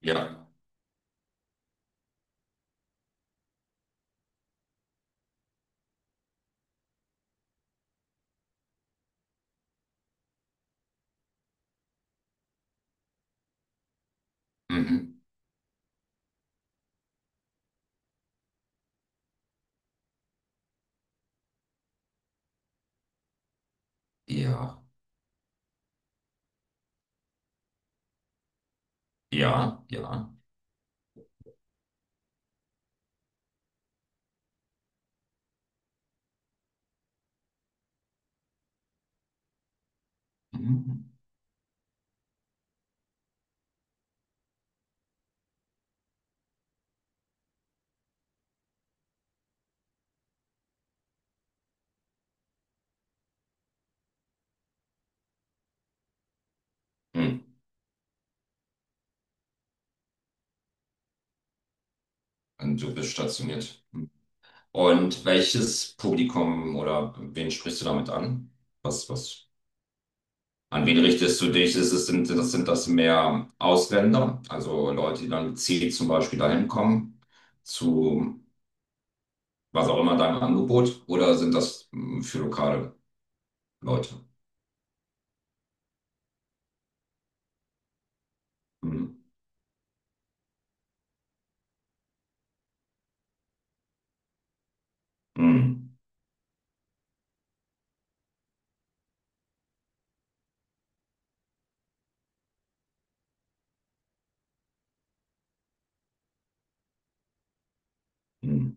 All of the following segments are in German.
Ja. Mhm. Ja. Ja. Ja. Mhm. Mhm. Und du bist stationiert. Mhm. Und welches Publikum oder wen sprichst du damit an? Was? An wen richtest du dich? Ist es, sind, das, Sind das mehr Ausländer, also Leute, die dann gezielt zum Beispiel dahin kommen, zu was auch immer deinem Angebot, oder sind das für lokale Leute? Mhm. Mhm. Mhm.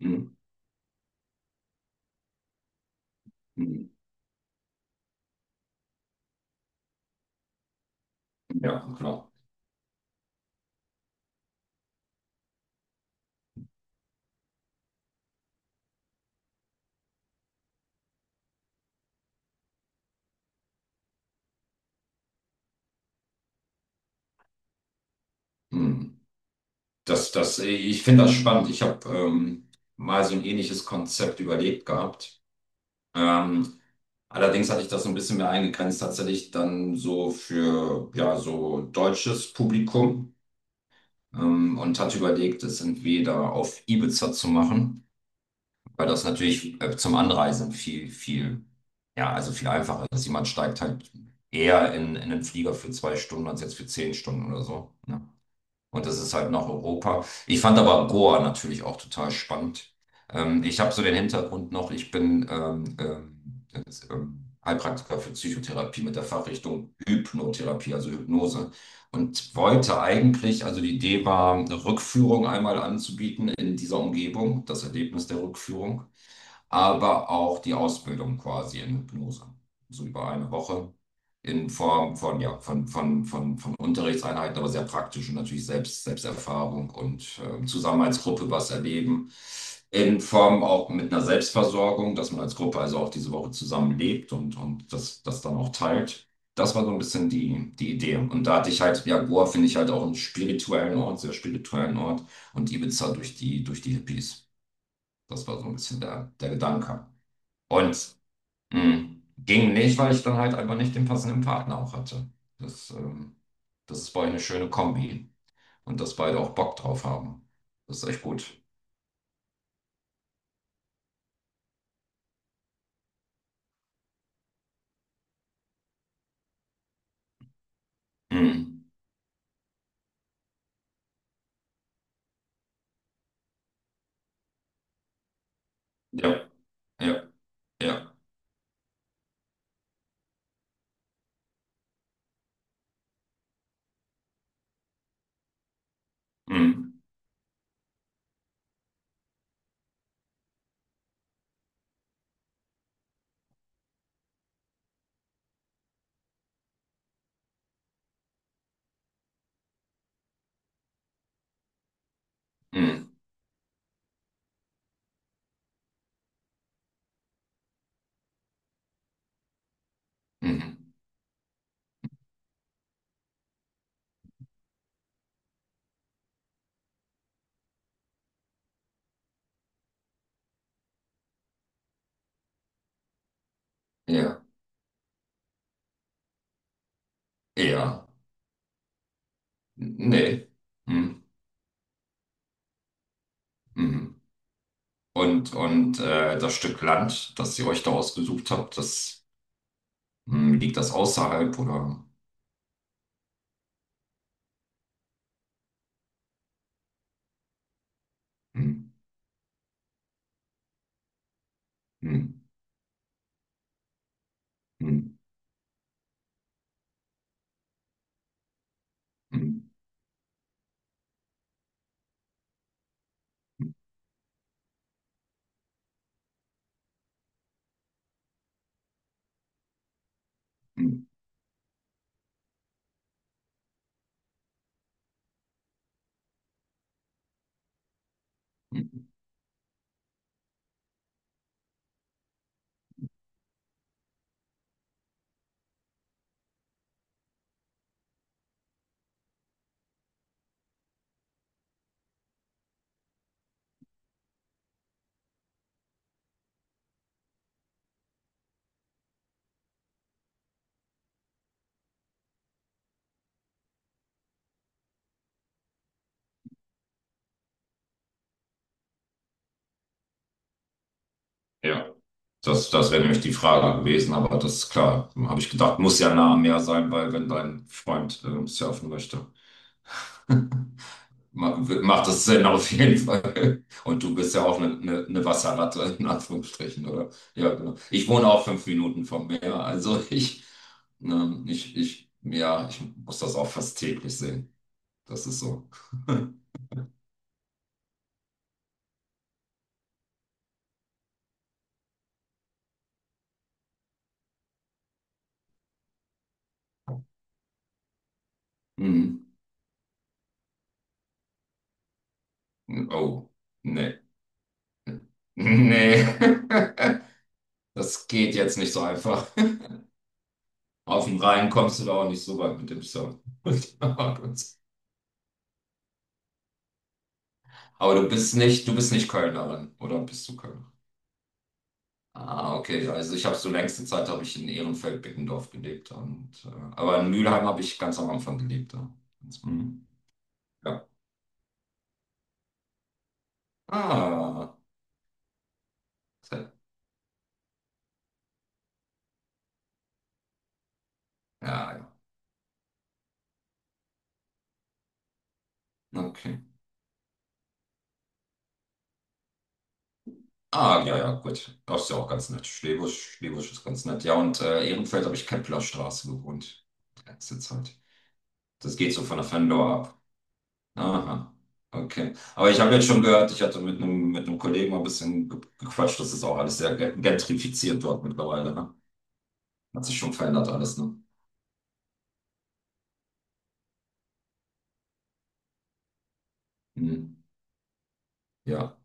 Mhm. Mhm. Ja, genau. Ich finde das spannend. Ich habe mal so ein ähnliches Konzept überlegt gehabt. Ähm, Allerdings hatte ich das so ein bisschen mehr eingegrenzt, tatsächlich dann so für ja, so deutsches Publikum, und hatte überlegt, es entweder auf Ibiza zu machen, weil das natürlich zum Anreisen viel, ja, also viel einfacher ist. Jemand steigt halt eher in einen Flieger für 2 Stunden als jetzt für 10 Stunden oder so, ne? Und das ist halt nach Europa. Ich fand aber Goa natürlich auch total spannend. Ich habe so den Hintergrund noch, ich bin jetzt, Heilpraktiker für Psychotherapie mit der Fachrichtung Hypnotherapie, also Hypnose. Und wollte eigentlich, also die Idee war, eine Rückführung einmal anzubieten in dieser Umgebung, das Erlebnis der Rückführung, aber auch die Ausbildung quasi in Hypnose. So über eine Woche in Form von, ja, von Unterrichtseinheiten, aber sehr praktisch und natürlich Selbsterfahrung und zusammen als Gruppe was erleben. In Form auch mit einer Selbstversorgung, dass man als Gruppe also auch diese Woche zusammen lebt und das dann auch teilt. Das war so ein bisschen die Idee. Und da hatte ich halt, ja, Goa finde ich halt auch einen spirituellen Ort, sehr spirituellen Ort, und Ibiza durch durch die Hippies. Das war so ein bisschen der Gedanke. Und mh, ging nicht, weil ich dann halt einfach nicht den passenden Partner auch hatte. Das, das ist bei euch eine schöne Kombi, und dass beide auch Bock drauf haben. Das ist echt gut. Mhm. Ja, ja, ja. Mhm. Mhm. Mhm. Ja, ja. Nee. Mhm. Mhm. Und das Stück Land, das ihr euch da ausgesucht habt, das mh, liegt das außerhalb oder? Mhm. Mhm. Mhm. Mhm. Mhm. Mhm. Ja. Das wäre nämlich die Frage gewesen, aber das ist klar. Habe ich gedacht, muss ja nah am Meer sein, weil wenn dein Freund surfen möchte, macht das Sinn auf jeden Fall. Und du bist ja auch eine Wasserratte, in Anführungsstrichen, oder? Ja, genau. Ich wohne auch 5 Minuten vom Meer, also ich, ja, ich muss das auch fast täglich sehen. Das ist so. Mhm. Oh, nee. Nee. Das geht jetzt nicht so einfach. Auf dem Rhein kommst du da auch nicht so weit mit dem Surfen. Aber du bist nicht Kölnerin, oder bist du Kölnerin? Ah, okay. Also ich habe so längste Zeit habe ich in Ehrenfeld-Beckendorf gelebt und aber in Mülheim habe ich ganz am Anfang gelebt. Ja. Ganz- Mhm. Ja. Ah, okay, ja, ja. Okay. Ah, ja, ja, gut. Das ist ja auch ganz nett. Schlebusch, Schlebusch ist ganz nett. Ja, und Ehrenfeld habe ich Kemplerstraße gewohnt. Letzte Zeit. Das geht so von der Fendor ab. Aha, okay. Aber ich habe jetzt schon gehört, ich hatte mit einem Kollegen mal ein bisschen gequatscht, das ist auch alles sehr gentrifiziert dort mittlerweile, ne? Hat sich schon verändert alles, ne? Hm. Ja,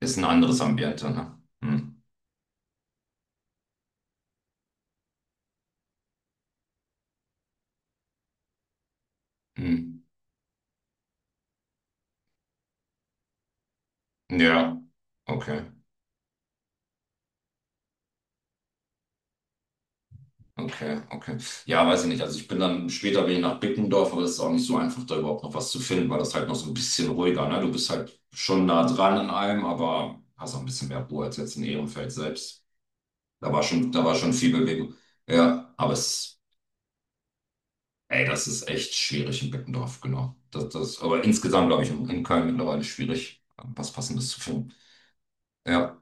ist ein anderes Ambiente, ne? Hm. Hm. Ja, okay, okay, okay. Ja, weiß ich nicht. Also ich bin dann später bin ich nach Bickendorf, aber es ist auch nicht so einfach, da überhaupt noch was zu finden, weil das halt noch so ein bisschen ruhiger, ne? Du bist halt schon nah dran an allem, aber hast auch ein bisschen mehr Ruhe als jetzt in Ehrenfeld selbst. Da war schon viel Bewegung. Ja, aber es, ey, das ist echt schwierig in Beckendorf, genau. Aber insgesamt, glaube ich, in Köln mittlerweile schwierig, was Passendes zu finden. Ja.